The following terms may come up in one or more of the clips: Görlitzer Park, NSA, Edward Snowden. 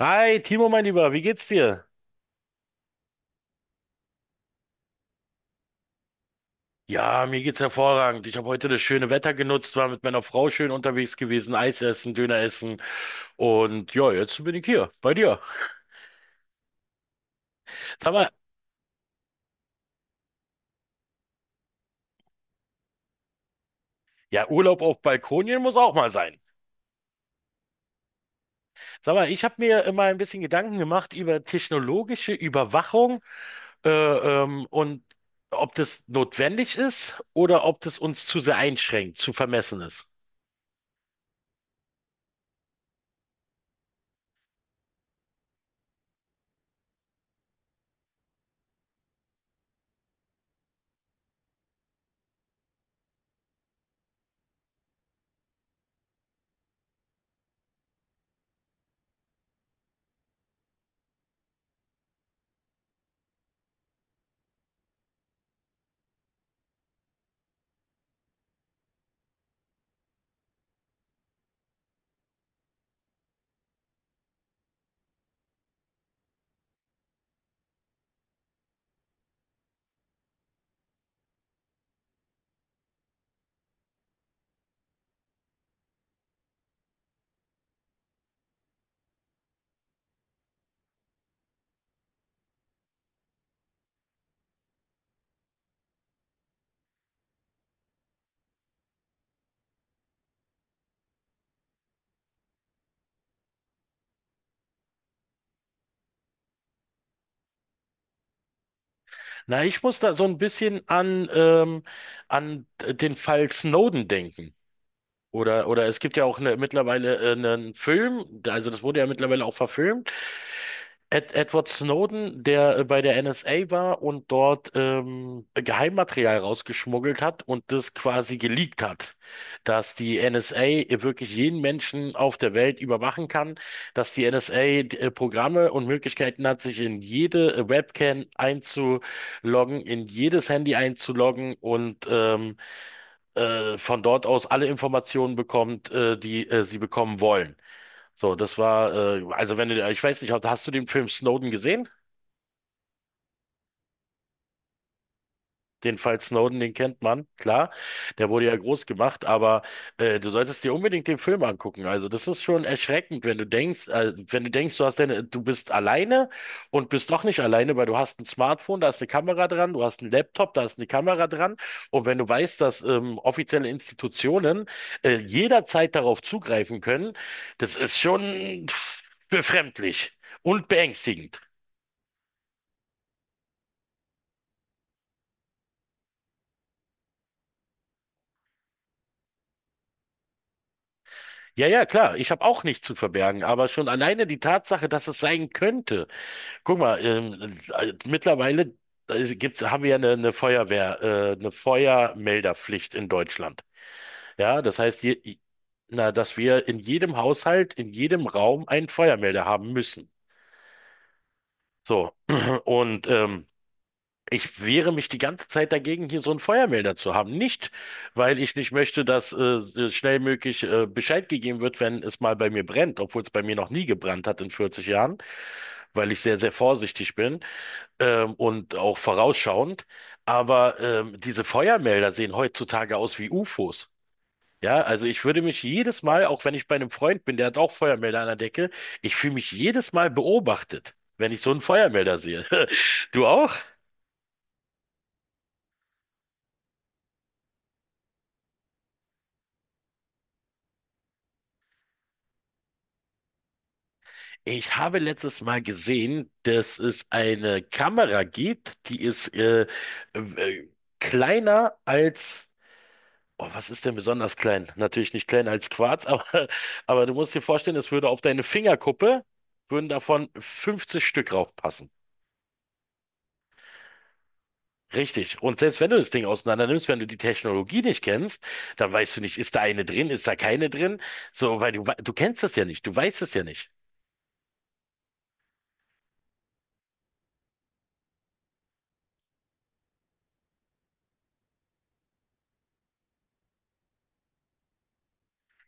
Hi, Timo, mein Lieber, wie geht's dir? Ja, mir geht's hervorragend. Ich habe heute das schöne Wetter genutzt, war mit meiner Frau schön unterwegs gewesen, Eis essen, Döner essen und ja, jetzt bin ich hier bei dir. Sag mal, ja, Urlaub auf Balkonien muss auch mal sein. Sag mal, ich habe mir immer ein bisschen Gedanken gemacht über technologische Überwachung und ob das notwendig ist oder ob das uns zu sehr einschränkt, zu vermessen ist. Na, ich muss da so ein bisschen an, an den Fall Snowden denken. Oder es gibt ja auch eine, mittlerweile einen Film, also das wurde ja mittlerweile auch verfilmt. Edward Snowden, der bei der NSA war und dort Geheimmaterial rausgeschmuggelt hat und das quasi geleakt hat, dass die NSA wirklich jeden Menschen auf der Welt überwachen kann, dass die NSA Programme und Möglichkeiten hat, sich in jede Webcam einzuloggen, in jedes Handy einzuloggen und von dort aus alle Informationen bekommt, die sie bekommen wollen. So, das war, also wenn du, ich weiß nicht, hast du den Film Snowden gesehen? Den Fall Snowden, den kennt man, klar. Der wurde ja groß gemacht, aber du solltest dir unbedingt den Film angucken. Also das ist schon erschreckend, wenn du denkst, wenn du denkst, du hast deine, du bist alleine und bist doch nicht alleine, weil du hast ein Smartphone, da ist eine Kamera dran, du hast einen Laptop, da ist eine Kamera dran. Und wenn du weißt, dass offizielle Institutionen jederzeit darauf zugreifen können, das ist schon befremdlich und beängstigend. Ja, ja, klar, ich habe auch nichts zu verbergen, aber schon alleine die Tatsache, dass es sein könnte. Guck mal, mittlerweile gibt's, haben wir ja eine eine Feuermelderpflicht in Deutschland. Ja, das heißt, na, dass wir in jedem Haushalt, in jedem Raum einen Feuermelder haben müssen. So, und ich wehre mich die ganze Zeit dagegen, hier so einen Feuermelder zu haben. Nicht, weil ich nicht möchte, dass so schnell möglich Bescheid gegeben wird, wenn es mal bei mir brennt, obwohl es bei mir noch nie gebrannt hat in 40 Jahren, weil ich sehr, sehr vorsichtig bin und auch vorausschauend. Aber diese Feuermelder sehen heutzutage aus wie UFOs. Ja, also ich würde mich jedes Mal, auch wenn ich bei einem Freund bin, der hat auch Feuermelder an der Decke, ich fühle mich jedes Mal beobachtet, wenn ich so einen Feuermelder sehe. Du auch? Ich habe letztes Mal gesehen, dass es eine Kamera gibt, die ist äh, kleiner als, oh, was ist denn besonders klein? Natürlich nicht kleiner als Quarz, aber du musst dir vorstellen, es würde auf deine Fingerkuppe, würden davon 50 Stück raufpassen. Richtig. Und selbst wenn du das Ding auseinander nimmst, wenn du die Technologie nicht kennst, dann weißt du nicht, ist da eine drin, ist da keine drin? So, weil du kennst das ja nicht, du weißt es ja nicht.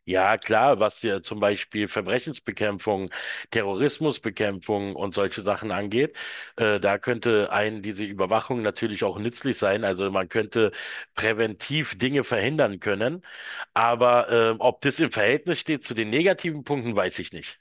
Ja, klar, was ja zum Beispiel Verbrechensbekämpfung, Terrorismusbekämpfung und solche Sachen angeht, da könnte einen diese Überwachung natürlich auch nützlich sein. Also man könnte präventiv Dinge verhindern können. Aber ob das im Verhältnis steht zu den negativen Punkten, weiß ich nicht.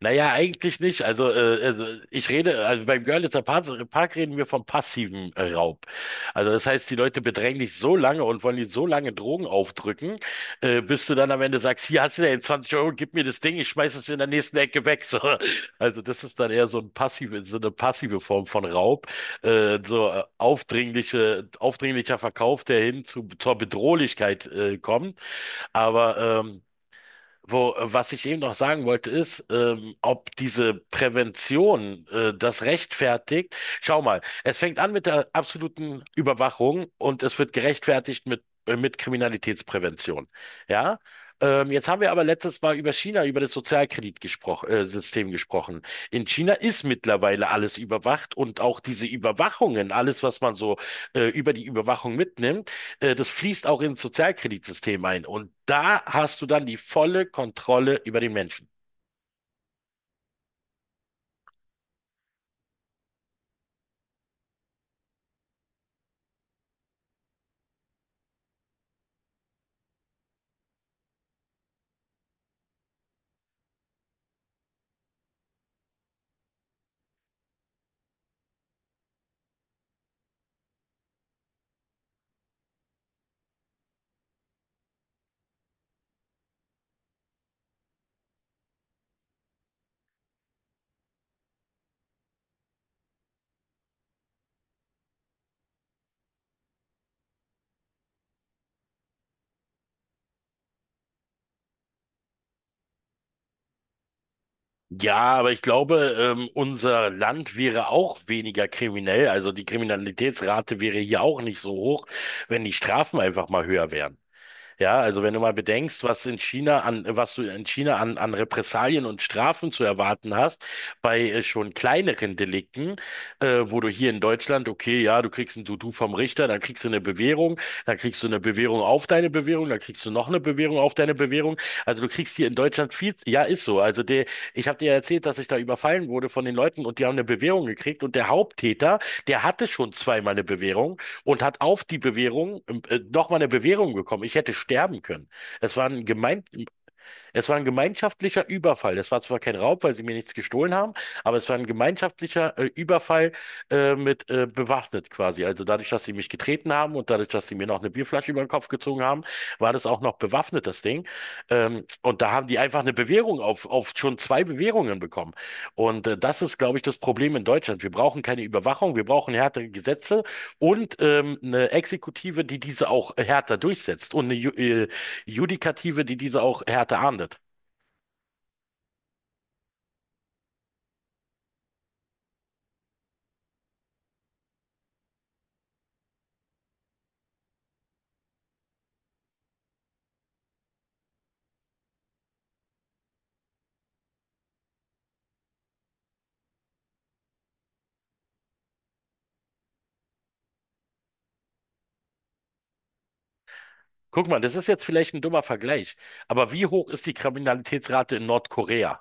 Naja, eigentlich nicht. Also, also ich rede, also beim Park reden wir vom passiven Raub. Also das heißt, die Leute bedrängen dich so lange und wollen dir so lange Drogen aufdrücken, bis du dann am Ende sagst, hier hast du ja 20 Euro, gib mir das Ding, ich schmeiß es in der nächsten Ecke weg. So. Also das ist dann eher so ein passive, so eine passive Form von Raub. Aufdringliche, aufdringlicher Verkauf, der hin zur Bedrohlichkeit kommt. Aber wo, was ich eben noch sagen wollte, ist, ob diese Prävention das rechtfertigt. Schau mal, es fängt an mit der absoluten Überwachung und es wird gerechtfertigt mit Kriminalitätsprävention. Ja? Jetzt haben wir aber letztes Mal über China, über das Sozialkreditsystem gespro System gesprochen. In China ist mittlerweile alles überwacht und auch diese Überwachungen, alles, was man so über die Überwachung mitnimmt, das fließt auch ins Sozialkreditsystem ein. Und da hast du dann die volle Kontrolle über den Menschen. Ja, aber ich glaube, unser Land wäre auch weniger kriminell. Also die Kriminalitätsrate wäre hier auch nicht so hoch, wenn die Strafen einfach mal höher wären. Ja, also wenn du mal bedenkst, was was du in China an, an Repressalien und Strafen zu erwarten hast, bei schon kleineren Delikten, wo du hier in Deutschland, okay, ja, du kriegst ein Dudu vom Richter, dann kriegst du eine Bewährung, dann kriegst du eine Bewährung auf deine Bewährung, dann kriegst du noch eine Bewährung auf deine Bewährung. Also du kriegst hier in Deutschland viel, ja, ist so. Also der, ich habe dir ja erzählt, dass ich da überfallen wurde von den Leuten und die haben eine Bewährung gekriegt und der Haupttäter, der hatte schon zweimal eine Bewährung und hat auf die Bewährung nochmal eine Bewährung bekommen. Ich hätte sterben können. Es war es war ein gemeinschaftlicher Überfall. Es war zwar kein Raub, weil sie mir nichts gestohlen haben, aber es war ein gemeinschaftlicher Überfall mit bewaffnet quasi. Also dadurch, dass sie mich getreten haben und dadurch, dass sie mir noch eine Bierflasche über den Kopf gezogen haben, war das auch noch bewaffnet, das Ding. Und da haben die einfach eine Bewährung auf schon zwei Bewährungen bekommen. Und das ist, glaube ich, das Problem in Deutschland. Wir brauchen keine Überwachung, wir brauchen härtere Gesetze und eine Exekutive, die diese auch härter durchsetzt und eine Judikative, die diese auch Härte ahndet. Guck mal, das ist jetzt vielleicht ein dummer Vergleich, aber wie hoch ist die Kriminalitätsrate in Nordkorea?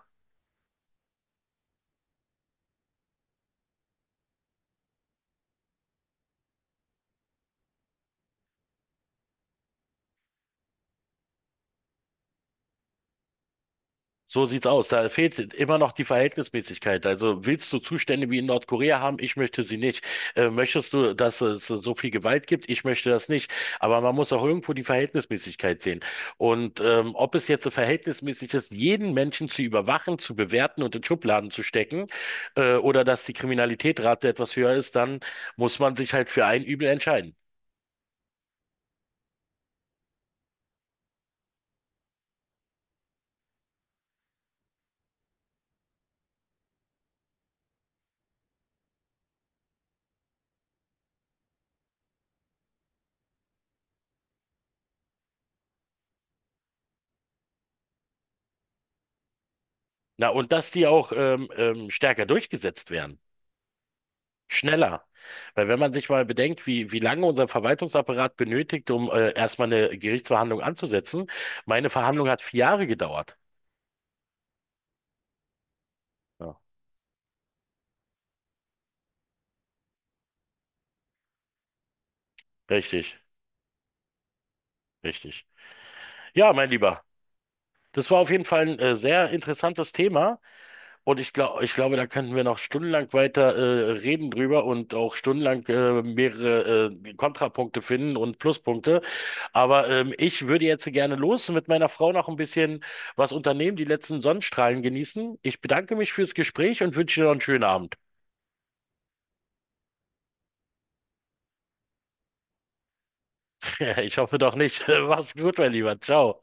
So sieht's aus. Da fehlt immer noch die Verhältnismäßigkeit. Also willst du Zustände wie in Nordkorea haben? Ich möchte sie nicht. Möchtest du, dass es so viel Gewalt gibt? Ich möchte das nicht. Aber man muss auch irgendwo die Verhältnismäßigkeit sehen. Und ob es jetzt so verhältnismäßig ist, jeden Menschen zu überwachen, zu bewerten und in Schubladen zu stecken, oder dass die Kriminalitätsrate etwas höher ist, dann muss man sich halt für ein Übel entscheiden. Na, und dass die auch stärker durchgesetzt werden. Schneller. Weil wenn man sich mal bedenkt, wie, wie lange unser Verwaltungsapparat benötigt, um erstmal eine Gerichtsverhandlung anzusetzen, meine Verhandlung hat 4 Jahre gedauert. Ja. Richtig, richtig. Ja, mein Lieber, das war auf jeden Fall ein sehr interessantes Thema. Und ich glaube, da könnten wir noch stundenlang weiter reden drüber und auch stundenlang mehrere Kontrapunkte finden und Pluspunkte. Aber ich würde jetzt gerne los und mit meiner Frau noch ein bisschen was unternehmen, die letzten Sonnenstrahlen genießen. Ich bedanke mich fürs Gespräch und wünsche dir noch einen schönen Abend. Ich hoffe doch nicht. Mach's gut, mein Lieber. Ciao.